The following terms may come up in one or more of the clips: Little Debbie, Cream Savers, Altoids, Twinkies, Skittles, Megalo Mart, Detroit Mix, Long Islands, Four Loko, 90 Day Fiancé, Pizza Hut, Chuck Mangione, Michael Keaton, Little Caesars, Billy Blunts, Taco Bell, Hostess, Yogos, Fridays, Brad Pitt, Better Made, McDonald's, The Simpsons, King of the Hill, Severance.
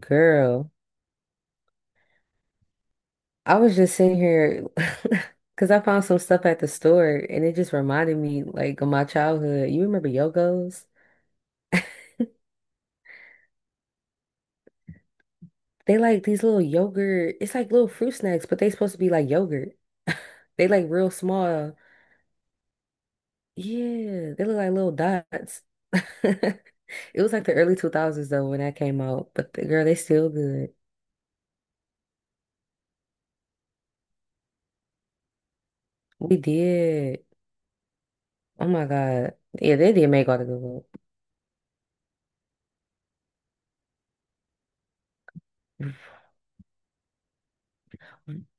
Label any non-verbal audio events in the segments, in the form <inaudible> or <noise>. Girl, I was just sitting here <laughs> because I found some stuff at the store and it just reminded me like of my childhood. You remember Yogos? They like these little yogurt, it's like little fruit snacks, but they supposed to be like yogurt. <laughs> They like real small. Yeah, they look like little dots. <laughs> It was like the early 2000s though when that came out, but the, girl, they still good. We did. Oh my God. Yeah, they did make all the good ones. <laughs>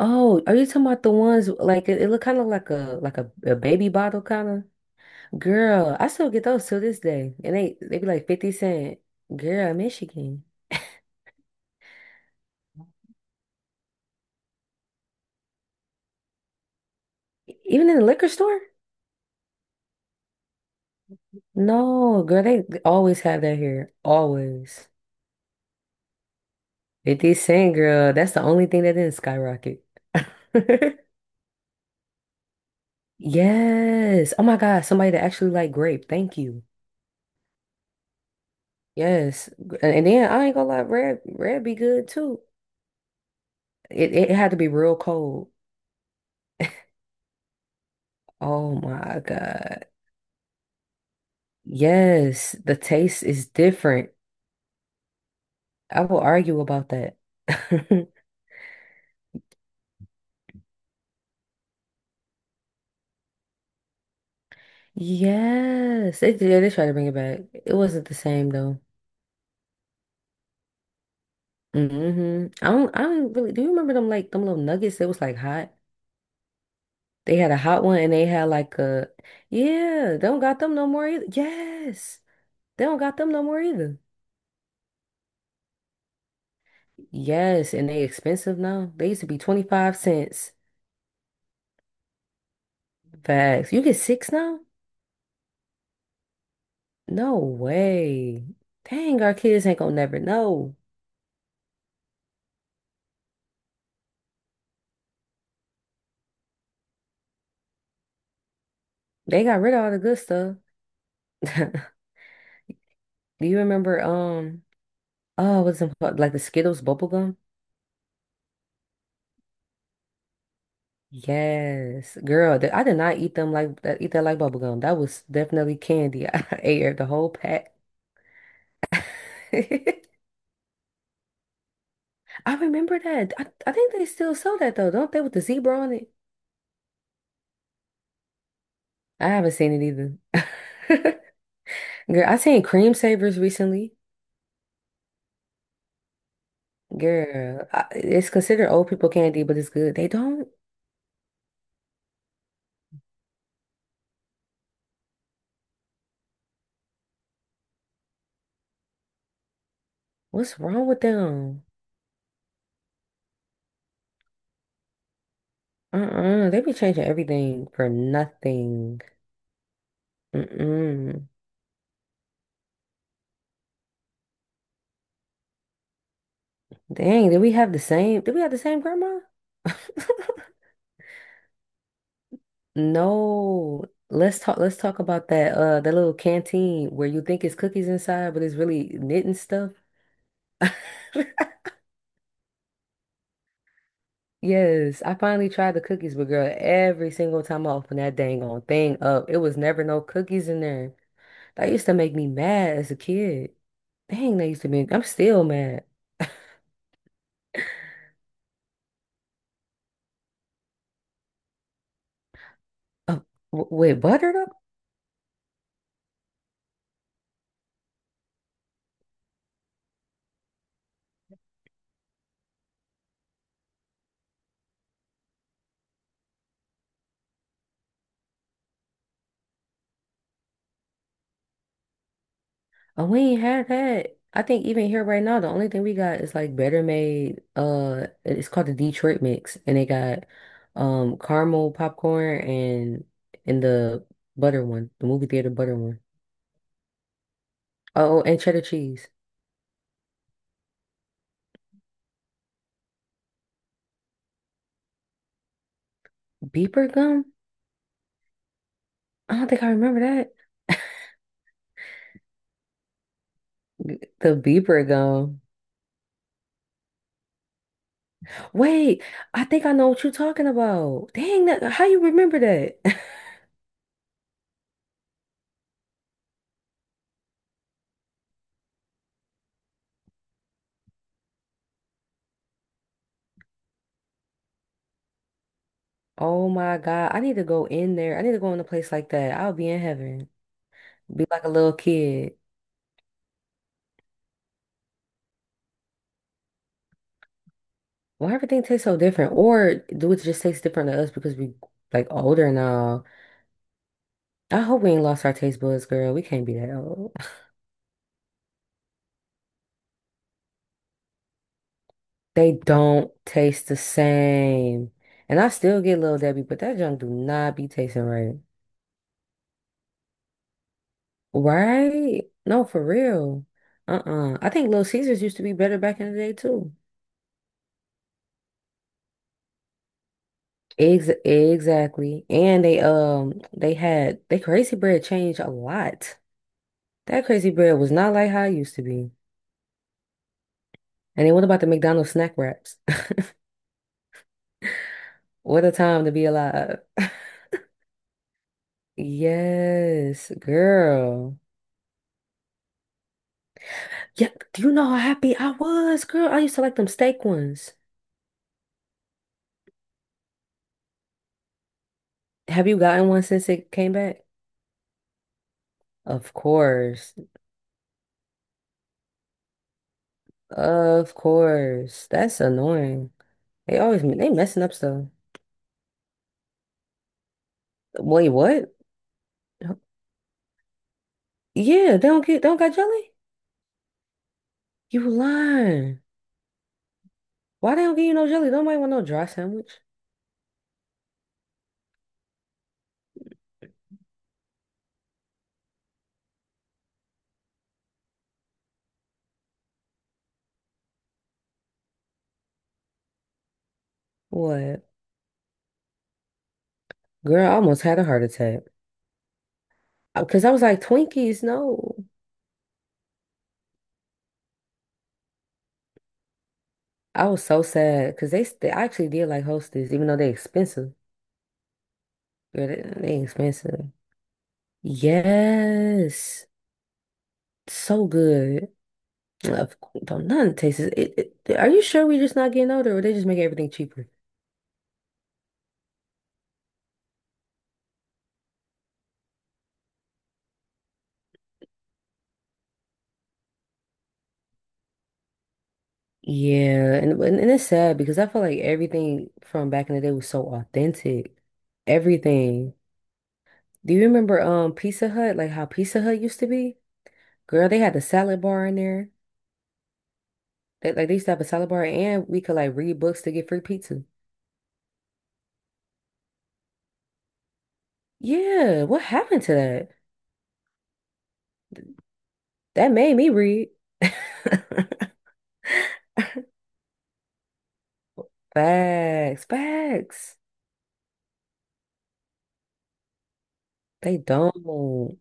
Oh, are you talking about the ones like it look kind of like a like a baby bottle kind of? Girl, I still get those till this day, and they be like 50 cents. Girl, Michigan, even in the liquor store? No, girl, they always have that here. Always 50 cents, girl. That's the only thing that didn't skyrocket. <laughs> Yes. Oh my God, somebody that actually like grape. Thank you. Yes, and then I ain't gonna lie, red be good too. It had to be real cold. Oh my God. Yes, the taste is different. I will argue about that. <laughs> Yes, they did. They tried to bring it back. It wasn't the same though. I don't. I don't really. Do you remember them like them little nuggets that was like hot? They had a hot one and they had like a yeah. They don't got them no more either. Yes, they don't got them no more either. Yes, and they expensive now. They used to be 25 cents. Facts. You get six now? No way. Dang, our kids ain't gonna never know. They got rid of all the good stuff. <laughs> Do you remember, oh, what's it called? Like the Skittles bubble gum? Yes, girl, I did not eat them like that, eat that like bubble gum. That was definitely candy. <laughs> I ate the whole pack. <laughs> I remember that. I think they still sell that though, don't they? With the zebra on it. I haven't seen it either. <laughs> Girl, I seen cream savers recently. Girl, it's considered old people candy, but it's good. They don't. What's wrong with them? Uh-uh. They be changing everything for nothing. Mm-mm. Dang, did we have the same? Did we have the same grandma? <laughs> No. Let's talk. Let's talk about that. That little canteen where you think it's cookies inside, but it's really knitting stuff. <laughs> Yes, I finally tried the cookies, but girl, every single time I opened that dang on thing up, it was never no cookies in there. That used to make me mad as a kid. Dang, that used to make I'm still mad. Uh, with butter though? We ain't had that. I think even here right now, the only thing we got is like Better Made. It's called the Detroit Mix, and they got caramel popcorn and the butter one, the movie theater butter one. Oh, oh, and cheddar cheese. Beeper gum? I don't think I remember that. The beeper gum. Wait, I think I know what you're talking about. Dang, that, how you remember that? <laughs> Oh my God. I need to go in there. I need to go in a place like that. I'll be in heaven. Be like a little kid. Why everything tastes so different? Or do it just taste different to us because we like older now? I hope we ain't lost our taste buds, girl. We can't be that old. <laughs> They don't taste the same. And I still get Little Debbie, but that junk do not be tasting right. Right? No, for real. Uh-uh. I think Little Caesars used to be better back in the day too. Ex exactly. And they had they crazy bread changed a lot. That crazy bread was not like how it used to be. And then what about the McDonald's snack wraps? <laughs> What a time to be alive. <laughs> Yes, girl. Yeah, do you know how happy I was, girl? I used to like them steak ones. Have you gotten one since it came back? Of course. Of course. That's annoying. They always they messing up stuff. Wait, what? Huh? Yeah, they don't get they don't got jelly? You lying. Why they don't give you no jelly? Nobody want no dry sandwich. What? Girl, I almost had a heart attack. Because I was like, Twinkies, no. I was so sad because they I actually did like Hostess, even though they expensive. Girl, they expensive. Yes. So good. Don't none tastes it. Are you sure we just not getting older or they just make everything cheaper? Yeah, and it's sad because I feel like everything from back in the day was so authentic. Everything. Do you remember Pizza Hut, like how Pizza Hut used to be? Girl, they had the salad bar in there. They, like they used to have a salad bar and we could like read books to get free pizza. Yeah, what happened to that? That made me read. <laughs> Facts, facts. They don't.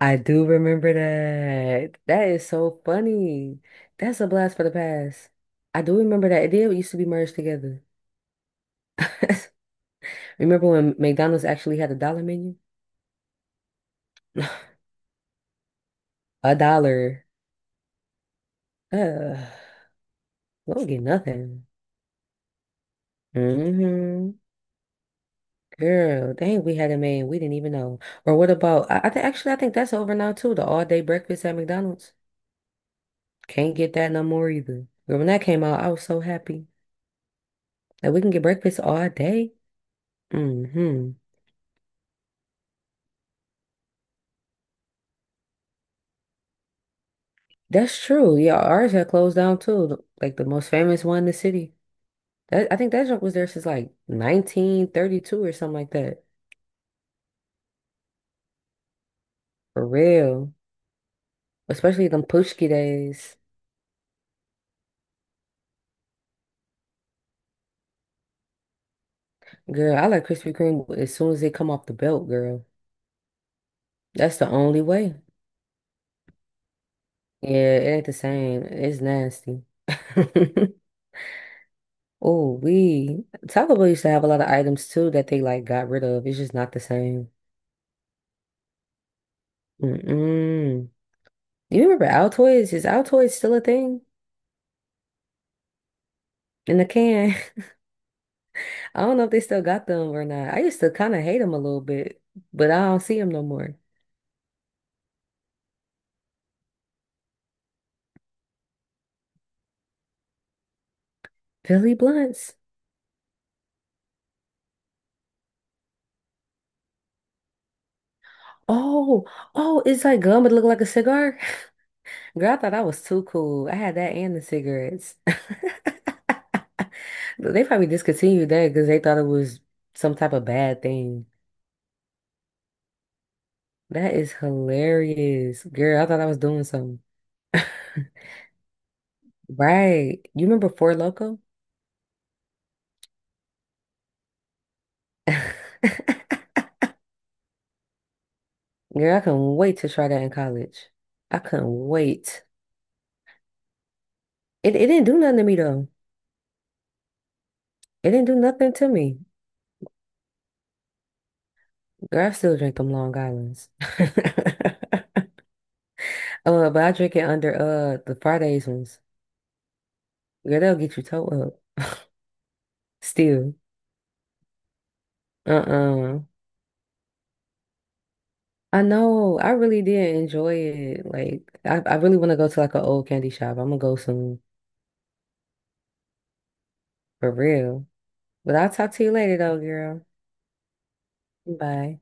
I do remember that. That is so funny. That's a blast for the past. I do remember that. It did used to be merged together. <laughs> Remember when McDonald's actually had a dollar menu? <laughs> A dollar. Ugh. We don't get nothing. hmm Girl, dang, we had a man we didn't even know. Or what about, I think actually I think that's over now too, the all day breakfast at McDonald's. Can't get that no more either. Girl, when that came out, I was so happy. That we can get breakfast all day. hmm That's true. Yeah, ours had closed down too. Like the most famous one in the city. That I think that junk was there since like 1932 or something like that. For real. Especially them Pushki days. Girl, I like Krispy Kreme as soon as they come off the belt, girl. That's the only way. Yeah, it ain't the same. It's nasty. <laughs> Oh, we Taco Bell used to have a lot of items too that they like got rid of. It's just not the same. Mm-mm. You remember Altoids? Is Altoids still a thing in the can? <laughs> I don't know if they still got them or not. I used to kind of hate them a little bit, but I don't see them no more. Billy Blunts. Oh, oh, it's like gum, but it look like a cigar. <laughs> Girl, I thought I was too cool. I had that and the cigarettes. <laughs> They probably discontinued that because they thought it was some type of bad thing. That is hilarious. Girl, I thought I was doing something. <laughs> Right. You remember Four Loko? <laughs> Girl, I couldn't wait to try that in college. I couldn't wait. It didn't do nothing to me though. It didn't do nothing to me. Girl, I still drink them Long Islands. <laughs> But I drink it under the Fridays ones. Girl, they'll get you toe up. Still. Uh-uh. I know. I really did enjoy it. Like, I really want to go to like an old candy shop. I'm gonna go soon for real. But I'll talk to you later though, girl. Bye.